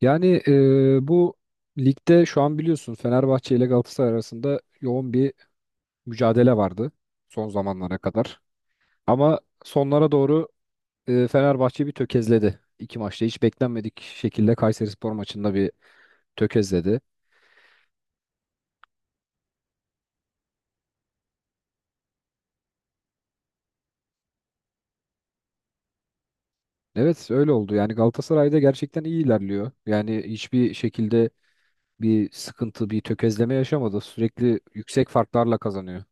Yani bu ligde şu an biliyorsun Fenerbahçe ile Galatasaray arasında yoğun bir mücadele vardı son zamanlara kadar. Ama sonlara doğru Fenerbahçe bir tökezledi. İki maçta hiç beklenmedik şekilde Kayserispor maçında bir tökezledi. Evet öyle oldu. Yani Galatasaray'da gerçekten iyi ilerliyor. Yani hiçbir şekilde bir sıkıntı, bir tökezleme yaşamadı. Sürekli yüksek farklarla kazanıyor.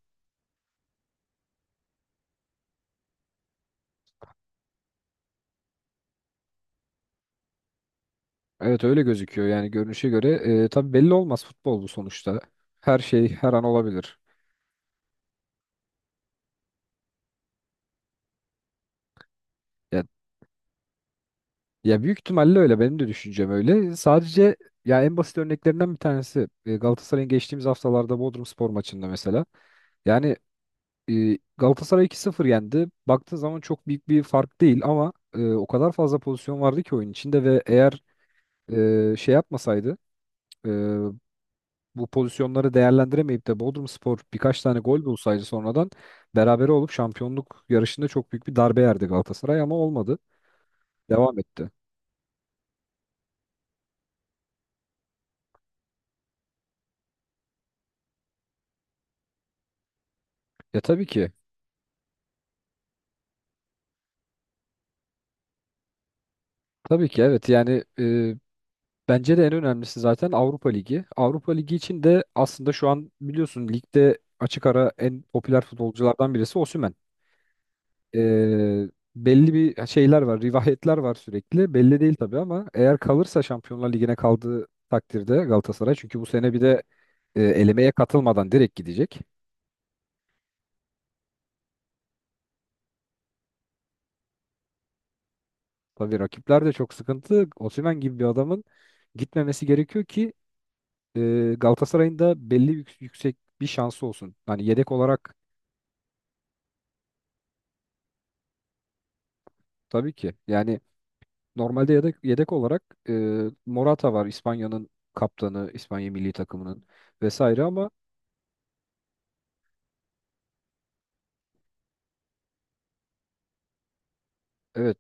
Evet öyle gözüküyor yani görünüşe göre. Tabii belli olmaz futbol bu sonuçta. Her şey her an olabilir. Ya, ya, büyük ihtimalle öyle benim de düşüncem öyle. Sadece ya en basit örneklerinden bir tanesi Galatasaray'ın geçtiğimiz haftalarda Bodrumspor maçında mesela. Yani Galatasaray 2-0 yendi. Baktığın zaman çok büyük bir fark değil ama o kadar fazla pozisyon vardı ki oyun içinde ve eğer şey yapmasaydı, e, bu pozisyonları değerlendiremeyip de Bodrumspor birkaç tane gol bulsaydı sonradan berabere olup şampiyonluk yarışında çok büyük bir darbe yerdi Galatasaray ama olmadı. Devam etti. Ya tabii ki. Tabii ki evet, yani bence de en önemlisi zaten Avrupa Ligi. Avrupa Ligi için de aslında şu an biliyorsun ligde açık ara en popüler futbolculardan birisi Osimhen. E, Belli bir şeyler var, rivayetler var sürekli. Belli değil tabii ama eğer kalırsa Şampiyonlar Ligi'ne kaldığı takdirde Galatasaray çünkü bu sene bir de elemeye katılmadan direkt gidecek. Tabii rakipler de çok sıkıntı. Osimhen gibi bir adamın gitmemesi gerekiyor ki e, Galatasaray'ın da belli yüksek bir şansı olsun. Hani yedek olarak tabii ki. Yani normalde yedek olarak e, Morata var, İspanya'nın kaptanı, İspanya milli takımının vesaire ama evet.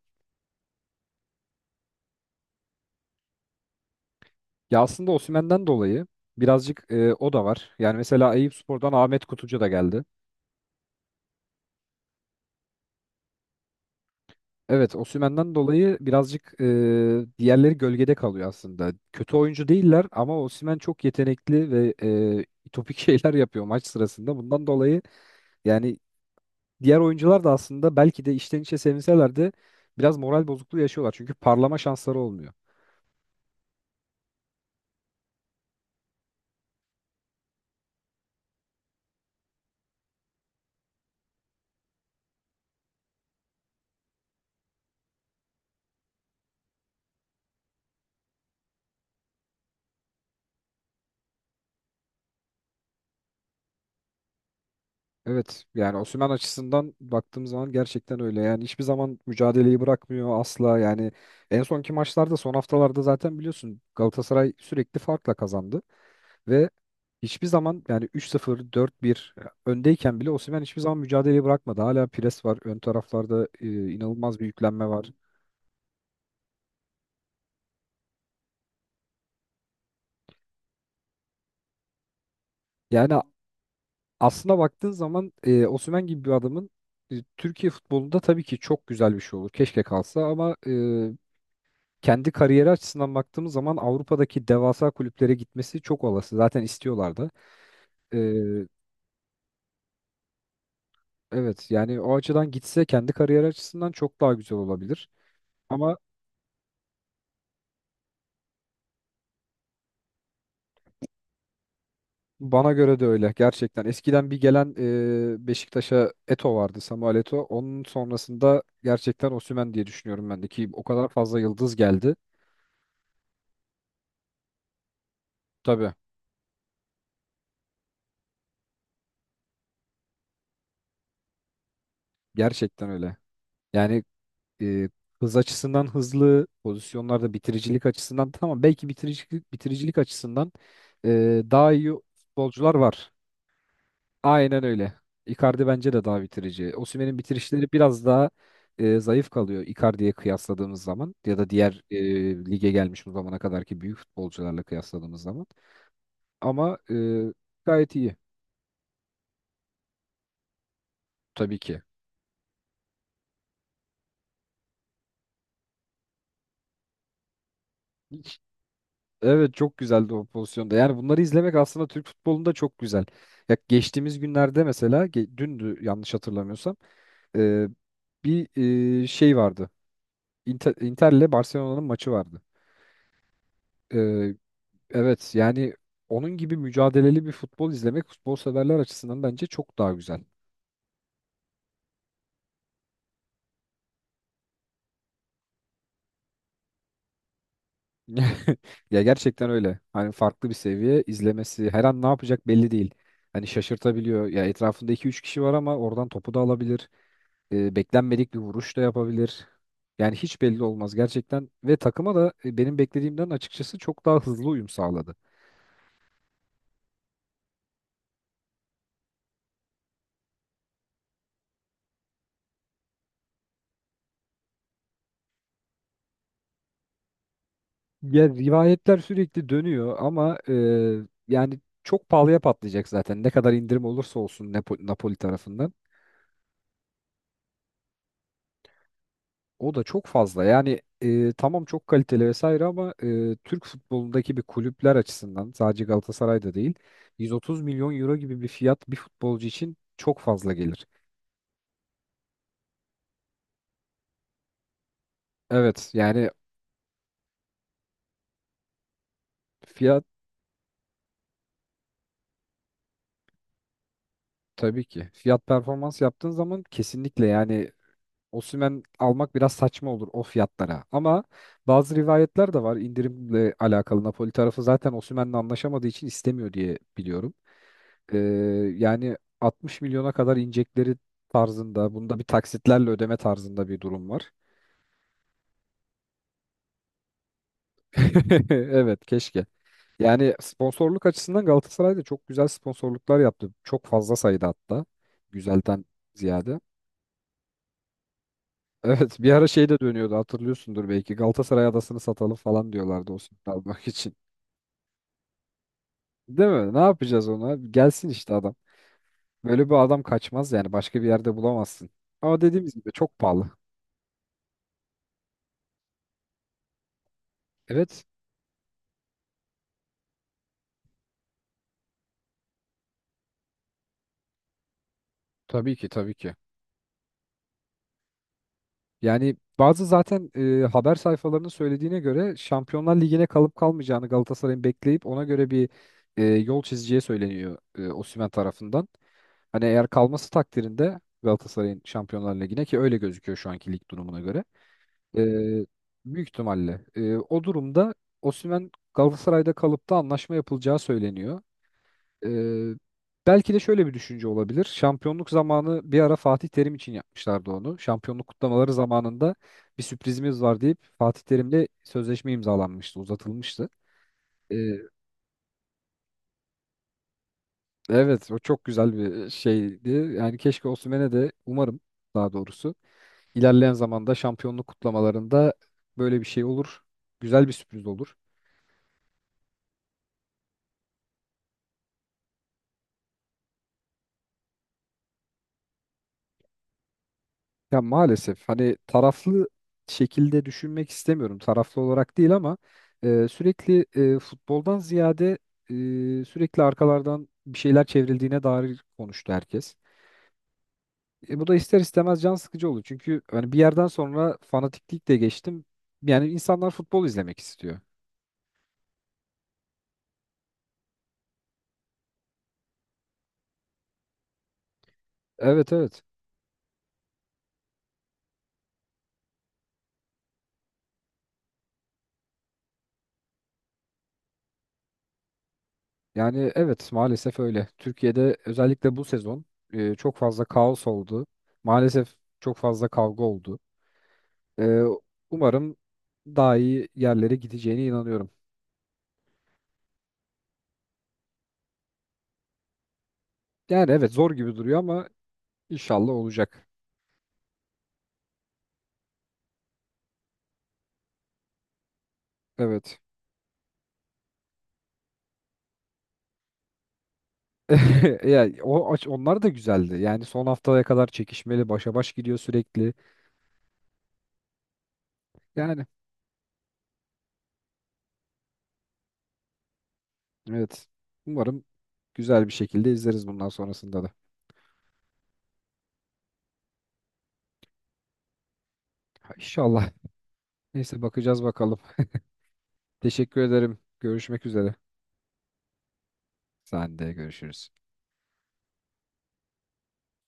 Ya aslında Osimhen'den dolayı birazcık o da var. Yani mesela Eyüpspor'dan Ahmet Kutucu da geldi. Evet, Osimhen'den dolayı birazcık diğerleri gölgede kalıyor aslında. Kötü oyuncu değiller ama Osimhen çok yetenekli ve topik şeyler yapıyor maç sırasında. Bundan dolayı yani diğer oyuncular da aslında belki de içten içe sevinseler de biraz moral bozukluğu yaşıyorlar. Çünkü parlama şansları olmuyor. Evet, yani Osimhen açısından baktığım zaman gerçekten öyle. Yani hiçbir zaman mücadeleyi bırakmıyor asla. Yani en sonki maçlarda, son haftalarda zaten biliyorsun Galatasaray sürekli farkla kazandı. Ve hiçbir zaman yani 3-0, 4-1 öndeyken bile Osimhen hiçbir zaman mücadeleyi bırakmadı. Hala pres var. Ön taraflarda inanılmaz bir yüklenme var. Yani aslına baktığın zaman Osimhen gibi bir adamın Türkiye futbolunda tabii ki çok güzel bir şey olur. Keşke kalsa ama kendi kariyeri açısından baktığımız zaman Avrupa'daki devasa kulüplere gitmesi çok olası. Zaten istiyorlar da. E, evet, yani o açıdan gitse kendi kariyeri açısından çok daha güzel olabilir. Ama Bana göre de öyle gerçekten. Eskiden bir gelen Beşiktaş'a Eto vardı, Samuel Eto. Onun sonrasında gerçekten Osimhen diye düşünüyorum ben de, ki o kadar fazla yıldız geldi. Tabii gerçekten öyle. Yani e, hız açısından hızlı, pozisyonlarda bitiricilik açısından tamam, belki bitiricilik açısından daha iyi futbolcular var. Aynen öyle. Icardi bence de daha bitirici. Osimhen'in bitirişleri biraz daha zayıf kalıyor Icardi'ye kıyasladığımız zaman ya da diğer lige gelmiş bu zamana kadarki büyük futbolcularla kıyasladığımız zaman. Ama gayet iyi, tabii ki. Evet, çok güzeldi o pozisyonda. Yani bunları izlemek aslında Türk futbolunda çok güzel. Ya geçtiğimiz günlerde mesela, dündü yanlış hatırlamıyorsam, e, bir şey vardı. Inter'le Barcelona'nın maçı vardı. E, Evet, yani onun gibi mücadeleli bir futbol izlemek futbol severler açısından bence çok daha güzel. Ya gerçekten öyle. Hani farklı bir seviye izlemesi, her an ne yapacak belli değil. Hani şaşırtabiliyor. Ya etrafında iki üç kişi var ama oradan topu da alabilir. Beklenmedik bir vuruş da yapabilir. Yani hiç belli olmaz gerçekten ve takıma da benim beklediğimden açıkçası çok daha hızlı uyum sağladı. Ya rivayetler sürekli dönüyor ama yani çok pahalıya patlayacak zaten. Ne kadar indirim olursa olsun Napoli tarafından. O da çok fazla. Yani tamam çok kaliteli vesaire ama Türk futbolundaki bir kulüpler açısından, sadece Galatasaray'da değil, 130 milyon euro gibi bir fiyat bir futbolcu için çok fazla gelir. Evet yani fiyat, tabii ki. Fiyat performans yaptığın zaman kesinlikle yani Osimhen almak biraz saçma olur o fiyatlara. Ama bazı rivayetler de var indirimle alakalı. Napoli tarafı zaten Osimhen'le anlaşamadığı için istemiyor diye biliyorum. Ee, Yani 60 milyona kadar inecekleri tarzında, bunda bir taksitlerle ödeme tarzında bir durum var. Evet, keşke. Yani sponsorluk açısından Galatasaray da çok güzel sponsorluklar yaptı. Çok fazla sayıda hatta. Güzelden ziyade. Evet, bir ara şey de dönüyordu, hatırlıyorsundur belki. Galatasaray adasını satalım falan diyorlardı Osimhen almak için. Değil mi? Ne yapacağız ona? Gelsin işte adam. Böyle bir adam kaçmaz yani, başka bir yerde bulamazsın. Ama dediğimiz gibi çok pahalı. Evet, tabii ki tabii ki. Yani bazı zaten haber sayfalarının söylediğine göre Şampiyonlar Ligi'ne kalıp kalmayacağını Galatasaray'ın bekleyip ona göre bir yol çizeceği söyleniyor Osimhen tarafından. Hani eğer kalması takdirinde Galatasaray'ın Şampiyonlar Ligi'ne, ki öyle gözüküyor şu anki lig durumuna göre. Ee, Büyük ihtimalle. O durumda Osimhen Galatasaray'da kalıp da anlaşma yapılacağı söyleniyor. Ee, Belki de şöyle bir düşünce olabilir. Şampiyonluk zamanı bir ara Fatih Terim için yapmışlardı onu. Şampiyonluk kutlamaları zamanında bir sürprizimiz var deyip Fatih Terim'le sözleşme imzalanmıştı, uzatılmıştı. Ee, evet, o çok güzel bir şeydi. Yani keşke Osimhen'e de umarım, daha doğrusu ilerleyen zamanda şampiyonluk kutlamalarında böyle bir şey olur. Güzel bir sürpriz olur. Ya maalesef hani taraflı şekilde düşünmek istemiyorum. Taraflı olarak değil ama sürekli futboldan ziyade sürekli arkalardan bir şeyler çevrildiğine dair konuştu herkes. Bu da ister istemez can sıkıcı oluyor çünkü hani bir yerden sonra fanatiklik de geçtim. Yani insanlar futbol izlemek istiyor. Evet evet. Yani evet, maalesef öyle. Türkiye'de özellikle bu sezon çok fazla kaos oldu. Maalesef çok fazla kavga oldu. Ee, Umarım daha iyi yerlere gideceğine inanıyorum. Yani evet, zor gibi duruyor ama inşallah olacak. Evet. Yani o onlar da güzeldi. Yani son haftaya kadar çekişmeli, başa baş gidiyor sürekli. Yani evet. Umarım güzel bir şekilde izleriz bundan sonrasında da. Ha, İnşallah. Neyse, bakacağız bakalım. Teşekkür ederim. Görüşmek üzere. Sen de görüşürüz.